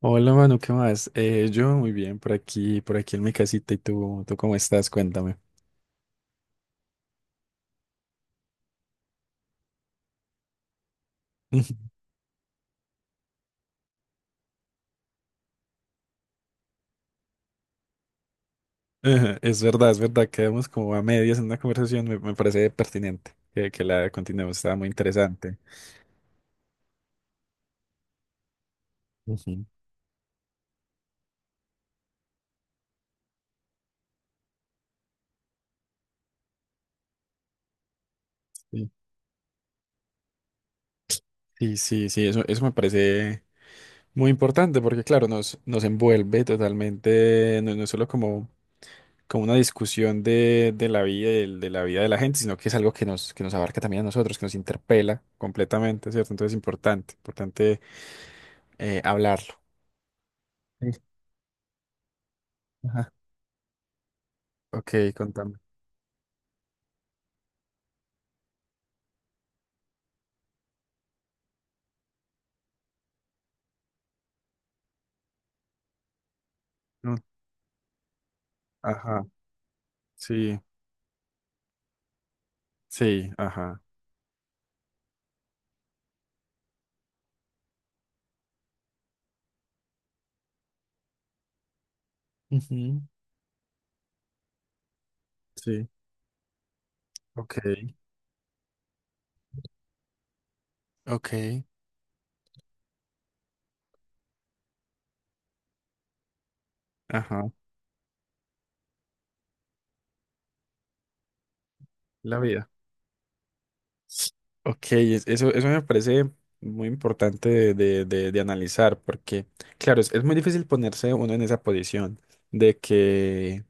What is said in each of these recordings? Hola Manu, ¿qué más? Yo muy bien, por aquí, en mi casita. ¿Y tú cómo estás? Cuéntame. Ajá, es verdad, es verdad, quedamos como a medias en una conversación, me parece pertinente que la continuemos, estaba muy interesante. Ujú. Sí, sí, eso me parece muy importante porque, claro, nos envuelve totalmente, no es solo como, como una discusión de la vida, de la vida de la gente, sino que es algo que nos abarca también a nosotros, que nos interpela completamente, ¿cierto? Entonces es importante, importante hablarlo. Sí, ajá. Ok, contame. No, ajá, sí, sí, ajá, ujú, sí, ok, ok, ajá, la vida. Ok, eso, eso me parece muy importante de, de analizar porque, claro, es muy difícil ponerse uno en esa posición de que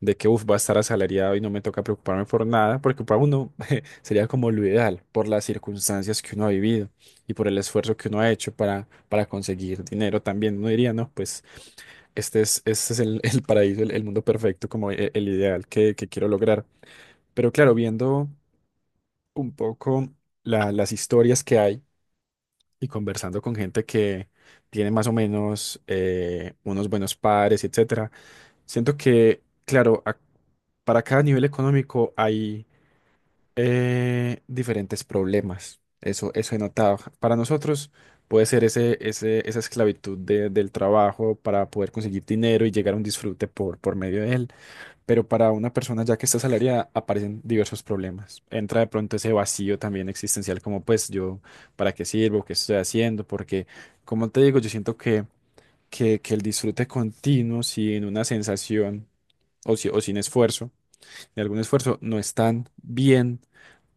uff, va a estar asalariado y no me toca preocuparme por nada, porque para uno sería como lo ideal, por las circunstancias que uno ha vivido y por el esfuerzo que uno ha hecho para conseguir dinero también. Uno diría, no, pues este es, este es el paraíso, el mundo perfecto, como el ideal que quiero lograr. Pero claro, viendo un poco las historias que hay y conversando con gente que tiene más o menos unos buenos padres, etc. Siento que, claro, para cada nivel económico hay diferentes problemas. Eso he notado. Para nosotros puede ser ese, ese, esa esclavitud del trabajo para poder conseguir dinero y llegar a un disfrute por medio de él. Pero para una persona ya que está asalariada aparecen diversos problemas. Entra de pronto ese vacío también existencial como pues yo, ¿para qué sirvo? ¿Qué estoy haciendo? Porque, como te digo, yo siento que el disfrute continuo sin una sensación o, o sin esfuerzo, de algún esfuerzo, no están bien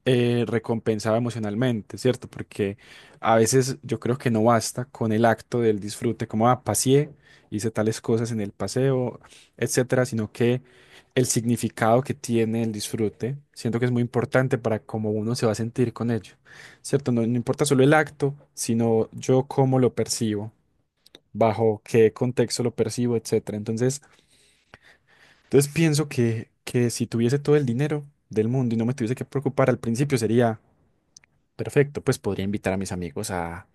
recompensada emocionalmente, ¿cierto? Porque a veces yo creo que no basta con el acto del disfrute, como, ah, paseé, hice tales cosas en el paseo, etcétera, sino que el significado que tiene el disfrute, siento que es muy importante para cómo uno se va a sentir con ello, ¿cierto? No, no importa solo el acto, sino yo cómo lo percibo, bajo qué contexto lo percibo, etcétera. Entonces, entonces pienso que si tuviese todo el dinero del mundo y no me tuviese que preocupar al principio sería perfecto, pues podría invitar a mis amigos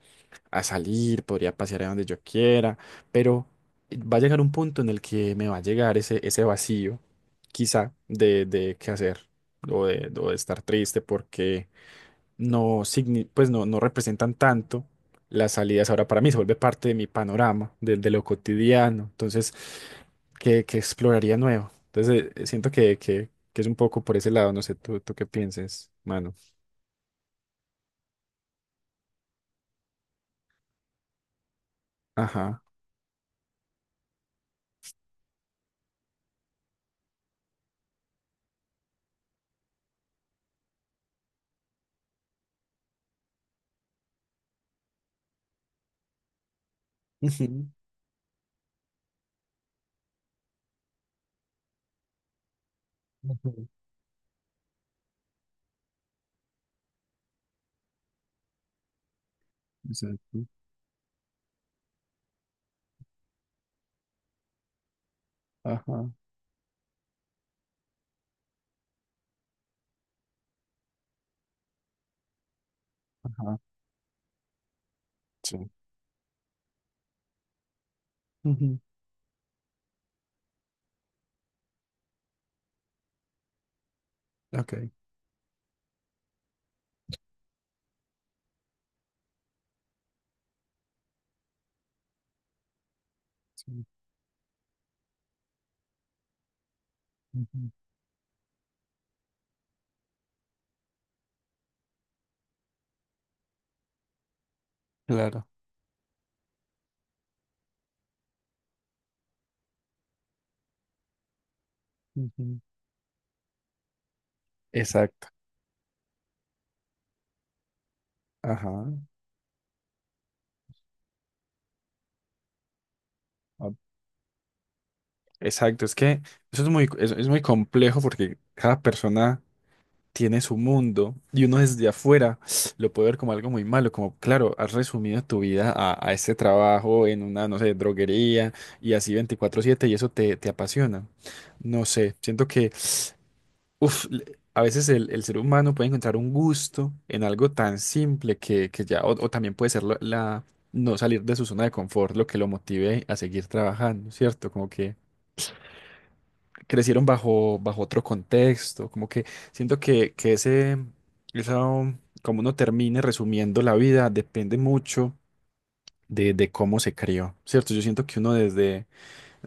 a salir, podría pasear a donde yo quiera, pero va a llegar un punto en el que me va a llegar ese, ese vacío, quizá, de qué hacer o de estar triste porque no, pues no, no representan tanto las salidas. Ahora para mí se vuelve parte de mi panorama, de lo cotidiano. Entonces, ¿qué, qué exploraría nuevo? Entonces, siento que es un poco por ese lado. No sé, tú qué pienses, mano. Ajá. Ujú, ujú, exacto. Ajá, ajá. Sí. Ujú, ok. Sí. Ujú, claro. Ujú. Exacto. Ajá. Ah, exacto. Es que eso es muy, es muy complejo porque cada persona tiene su mundo y uno desde afuera lo puede ver como algo muy malo, como claro, has resumido tu vida a ese trabajo en una, no sé, droguería y así 24/7 y eso te, te apasiona. No sé, siento que uf, a veces el ser humano puede encontrar un gusto en algo tan simple que ya, o también puede ser la, no salir de su zona de confort lo que lo motive a seguir trabajando, ¿cierto? Como que crecieron bajo, bajo otro contexto, como que siento que ese, esa, como uno termine resumiendo la vida, depende mucho de cómo se crió, ¿cierto? Yo siento que uno desde,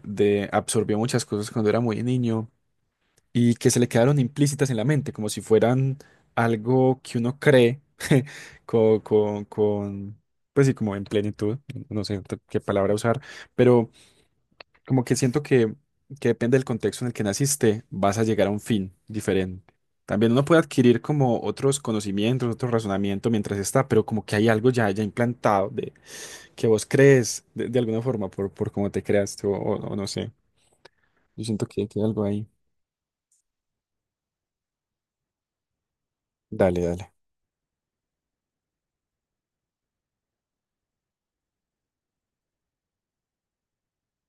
de, absorbió muchas cosas cuando era muy niño y que se le quedaron implícitas en la mente, como si fueran algo que uno cree con pues sí, como en plenitud, no sé qué palabra usar, pero como que siento que depende del contexto en el que naciste, vas a llegar a un fin diferente. También uno puede adquirir como otros conocimientos, otro razonamiento mientras está, pero como que hay algo ya implantado de que vos crees de alguna forma por cómo te creaste o no sé. Yo siento que hay algo ahí. Dale, dale.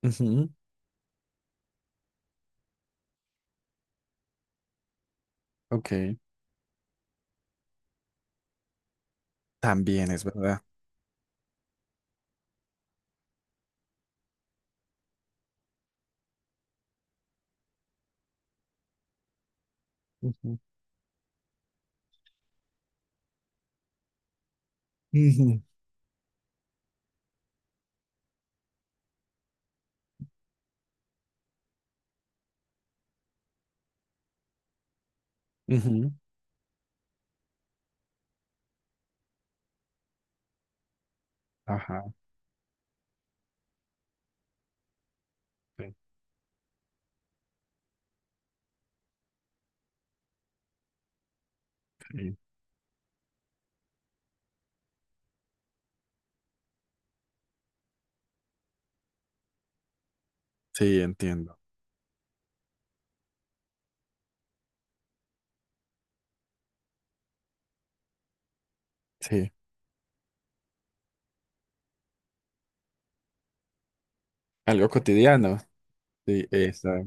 Ujú, ok. También es verdad. Ujú. Ujú, ujú. Ajá. Sí, sí. Sí, entiendo. Sí. Algo cotidiano. Sí, esa.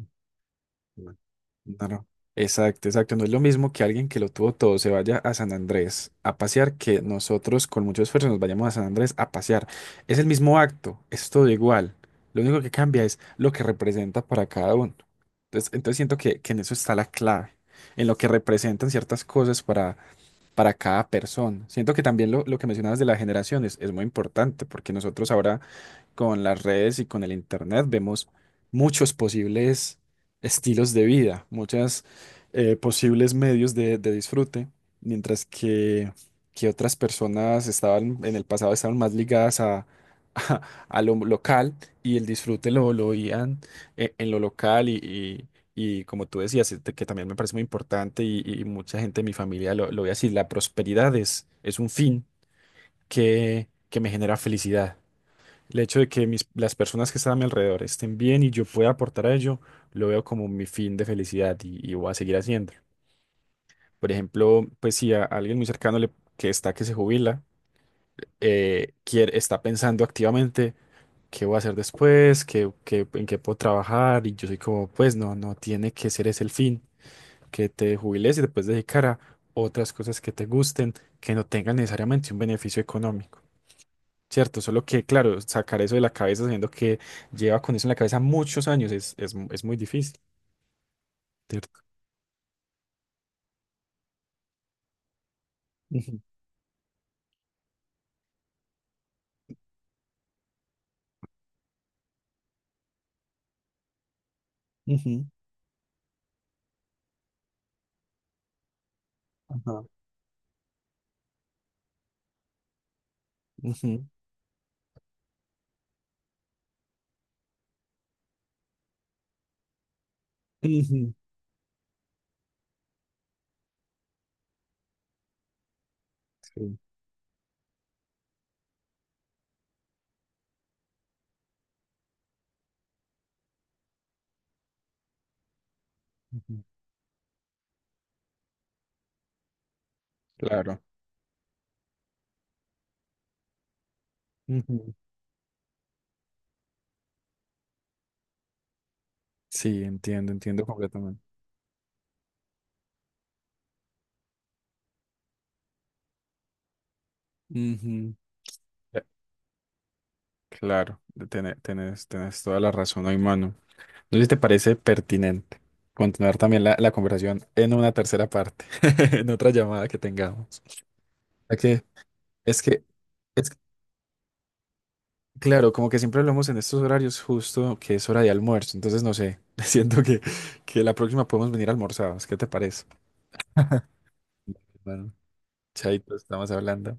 No, no. Exacto, exacto. No es lo mismo que alguien que lo tuvo todo se vaya a San Andrés a pasear que nosotros con mucho esfuerzo nos vayamos a San Andrés a pasear. Es el mismo acto, es todo igual. Lo único que cambia es lo que representa para cada uno. Entonces, entonces siento que en eso está la clave, en lo que representan ciertas cosas para cada persona. Siento que también lo que mencionabas de las generaciones es muy importante porque nosotros ahora con las redes y con el internet vemos muchos posibles estilos de vida, muchos posibles medios de disfrute, mientras que otras personas estaban en el pasado estaban más ligadas a, a, a lo local y el disfrute lo oían en lo local y como tú decías, este, que también me parece muy importante y mucha gente de mi familia lo ve así, la prosperidad es un fin que me genera felicidad. El hecho de que mis, las personas que están a mi alrededor estén bien y yo pueda aportar a ello, lo veo como mi fin de felicidad y voy a seguir haciéndolo. Por ejemplo, pues si a alguien muy cercano que está que se jubila, quiere, está pensando activamente qué voy a hacer después, qué, en qué puedo trabajar, y yo soy como, pues no, no tiene que ser ese el fin, que te jubiles y después dedicar a otras cosas que te gusten, que no tengan necesariamente un beneficio económico. Cierto, solo que, claro, sacar eso de la cabeza sabiendo que lleva con eso en la cabeza muchos años es, es muy difícil, ¿cierto? Ujú, ujú, ajá, ujú, ujú, sí. Ujú, claro. Ujú, sí, entiendo, entiendo completamente. Ujú. Eh, Claro, tenés, tenés toda la razón hoy, mano. No sé si te parece pertinente continuar también la conversación en una tercera parte, en otra llamada que tengamos. ¿A qué? Es que, es que claro, como que siempre hablamos en estos horarios justo que es hora de almuerzo, entonces no sé, siento que la próxima podemos venir almorzados, ¿qué te parece? Bueno, chaito, estamos hablando.